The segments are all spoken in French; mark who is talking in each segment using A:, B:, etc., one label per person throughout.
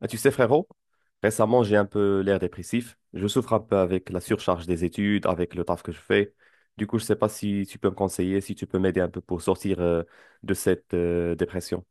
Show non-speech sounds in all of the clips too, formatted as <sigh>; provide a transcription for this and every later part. A: Ah, tu sais, frérot, récemment, j'ai un peu l'air dépressif. Je souffre un peu avec la surcharge des études, avec le taf que je fais. Du coup, je sais pas si tu peux me conseiller, si tu peux m'aider un peu pour sortir de cette dépression.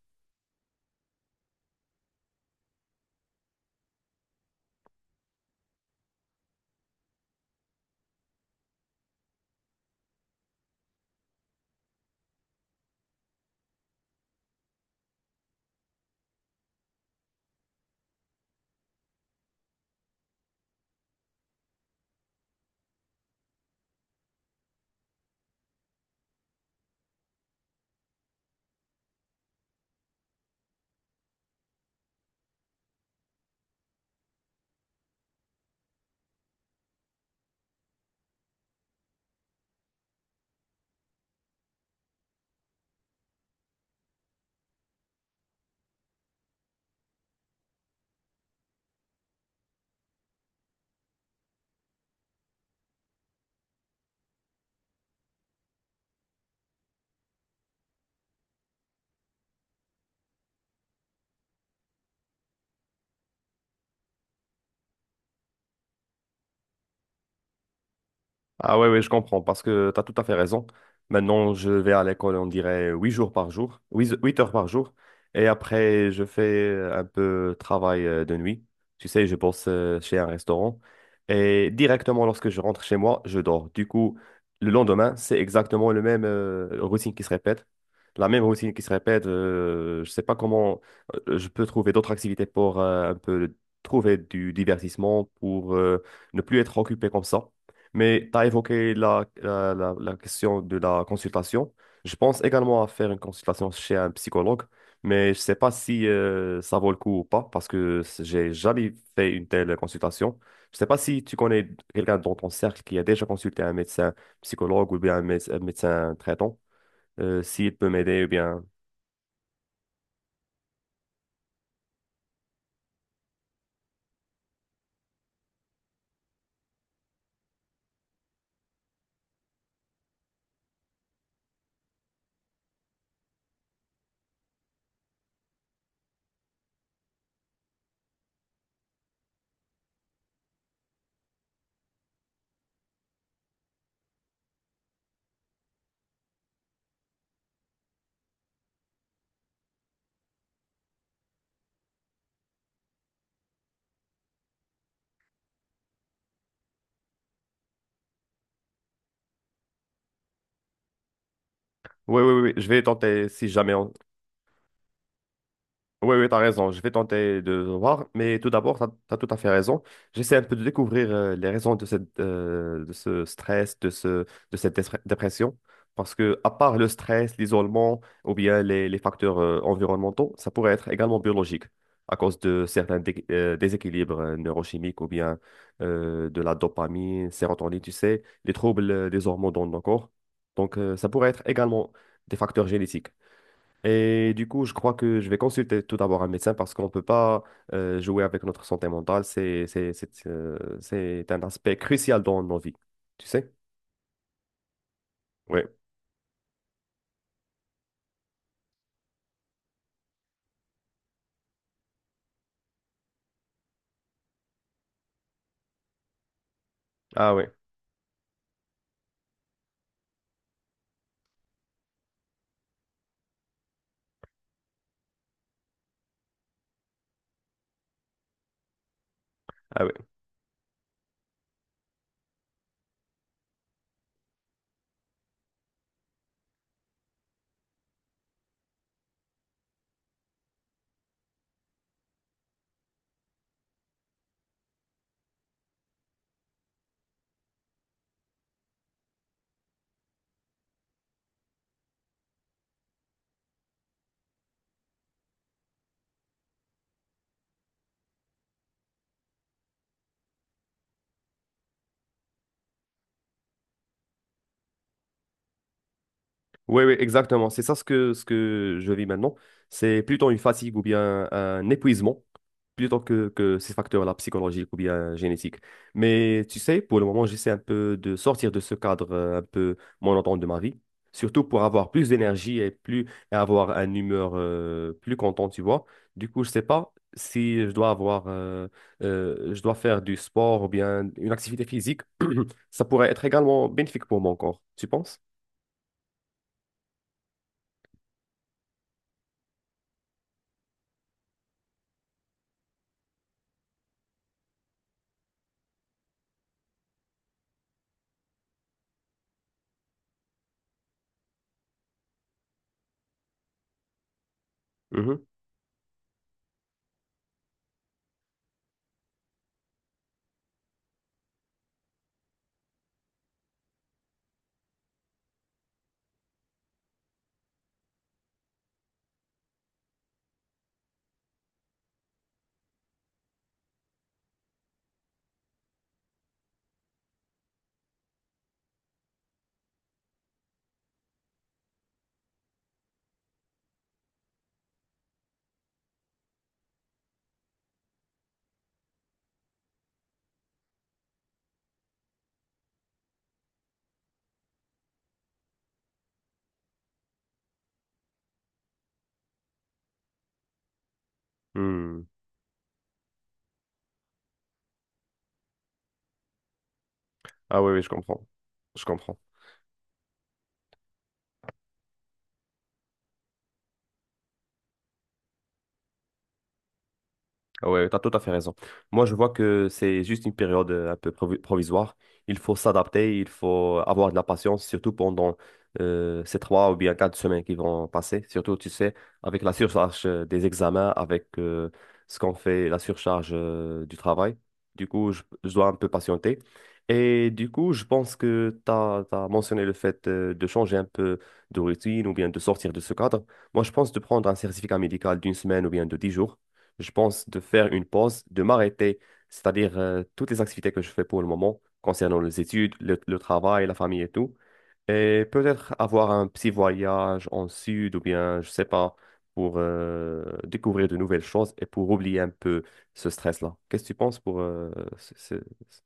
A: Ah ouais, ouais, je comprends, parce que tu as tout à fait raison. Maintenant, je vais à l'école, on dirait 8 jours par jour, huit heures par jour. Et après, je fais un peu de travail de nuit. Tu sais, je bosse chez un restaurant. Et directement, lorsque je rentre chez moi, je dors. Du coup, le lendemain, c'est exactement le même routine qui se répète. La même routine qui se répète. Je sais pas comment je peux trouver d'autres activités pour un peu trouver du divertissement, pour ne plus être occupé comme ça. Mais tu as évoqué la question de la consultation. Je pense également à faire une consultation chez un psychologue, mais je ne sais pas si ça vaut le coup ou pas, parce que j'ai jamais fait une telle consultation. Je ne sais pas si tu connais quelqu'un dans ton cercle qui a déjà consulté un médecin psychologue ou bien un, un médecin traitant, s'il peut m'aider ou bien... Oui, oui, oui, oui, je vais tenter si jamais. Oui, oui, tu as raison. Je vais tenter de voir, mais tout d'abord, tu as, tout à fait raison. J'essaie un peu de découvrir les raisons de cette, de ce stress, de ce, de cette dépression. Parce que, à part le stress, l'isolement ou bien les facteurs environnementaux, ça pourrait être également biologique à cause de certains déséquilibres neurochimiques ou bien de la dopamine, sérotonine, tu sais, les troubles des hormones dans nos corps. Donc, ça pourrait être également des facteurs génétiques. Et du coup, je crois que je vais consulter tout d'abord un médecin parce qu'on ne peut pas jouer avec notre santé mentale. C'est un aspect crucial dans nos vies. Tu sais? Oui. Ah oui. Oui, oui, exactement. C'est ça ce que je vis maintenant. C'est plutôt une fatigue ou bien un épuisement, plutôt que ces facteurs-là psychologiques ou bien génétiques. Mais tu sais, pour le moment, j'essaie un peu de sortir de ce cadre un peu monotone de ma vie, surtout pour avoir plus d'énergie et plus, et avoir une humeur plus contente, tu vois. Du coup, je sais pas si je dois avoir, je dois faire du sport ou bien une activité physique. <clears throat> Ça pourrait être également bénéfique pour mon corps, tu penses? Mhm. Hmm. Ah oui, oui, je comprends. Je comprends. Ah ouais, tu as tout à fait raison. Moi, je vois que c'est juste une période un peu provisoire. Il faut s'adapter, il faut avoir de la patience, surtout pendant ces 3 ou bien 4 semaines qui vont passer. Surtout, tu sais, avec la surcharge des examens, avec ce qu'on fait, la surcharge du travail. Du coup, je dois un peu patienter. Et du coup, je pense que tu as mentionné le fait de changer un peu de routine ou bien de sortir de ce cadre. Moi, je pense de prendre un certificat médical d'une semaine ou bien de 10 jours, je pense, de faire une pause, de m'arrêter, c'est-à-dire toutes les activités que je fais pour le moment concernant les études, le travail, la famille et tout. Et peut-être avoir un petit voyage en sud ou bien, je sais pas, pour découvrir de nouvelles choses et pour oublier un peu ce stress-là. Qu'est-ce que tu penses pour ce- ce- ce-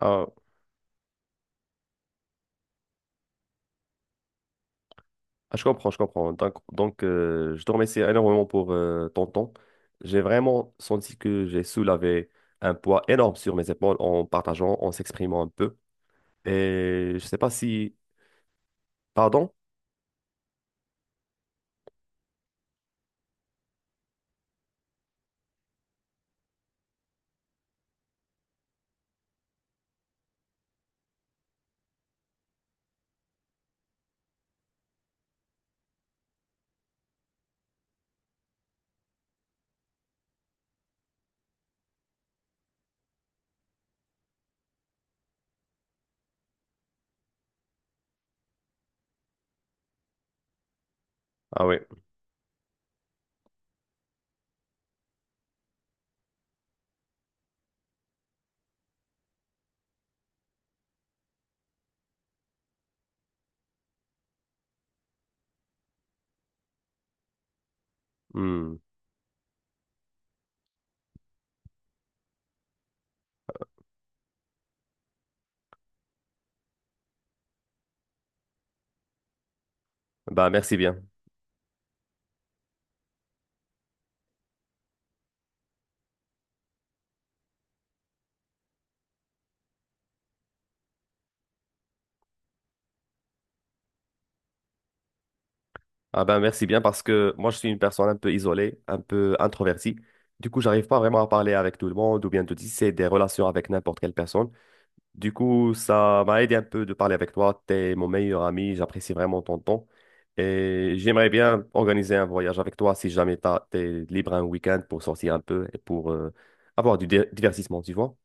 A: à- Ah, je comprends, je comprends. Donc, je te remercie énormément pour ton temps. J'ai vraiment senti que j'ai soulevé un poids énorme sur mes épaules en partageant, en s'exprimant un peu. Et je sais pas si... Pardon? Ah oui. Hmm. Bah, merci bien. Ah ben merci bien parce que moi je suis une personne un peu isolée, un peu introvertie. Du coup, j'arrive pas vraiment à parler avec tout le monde ou bien de tisser des relations avec n'importe quelle personne. Du coup, ça m'a aidé un peu de parler avec toi. T'es mon meilleur ami, j'apprécie vraiment ton temps. Et j'aimerais bien organiser un voyage avec toi si jamais t'es libre un week-end pour sortir un peu et pour avoir du divertissement, tu vois.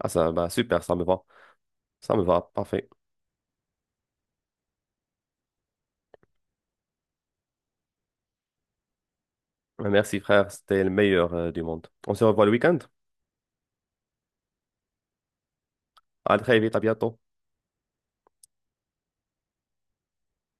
A: Ah ça, bah super, ça me va. Ça me va, parfait. Merci frère, c'était le meilleur du monde. On se revoit le week-end. À très vite, à bientôt.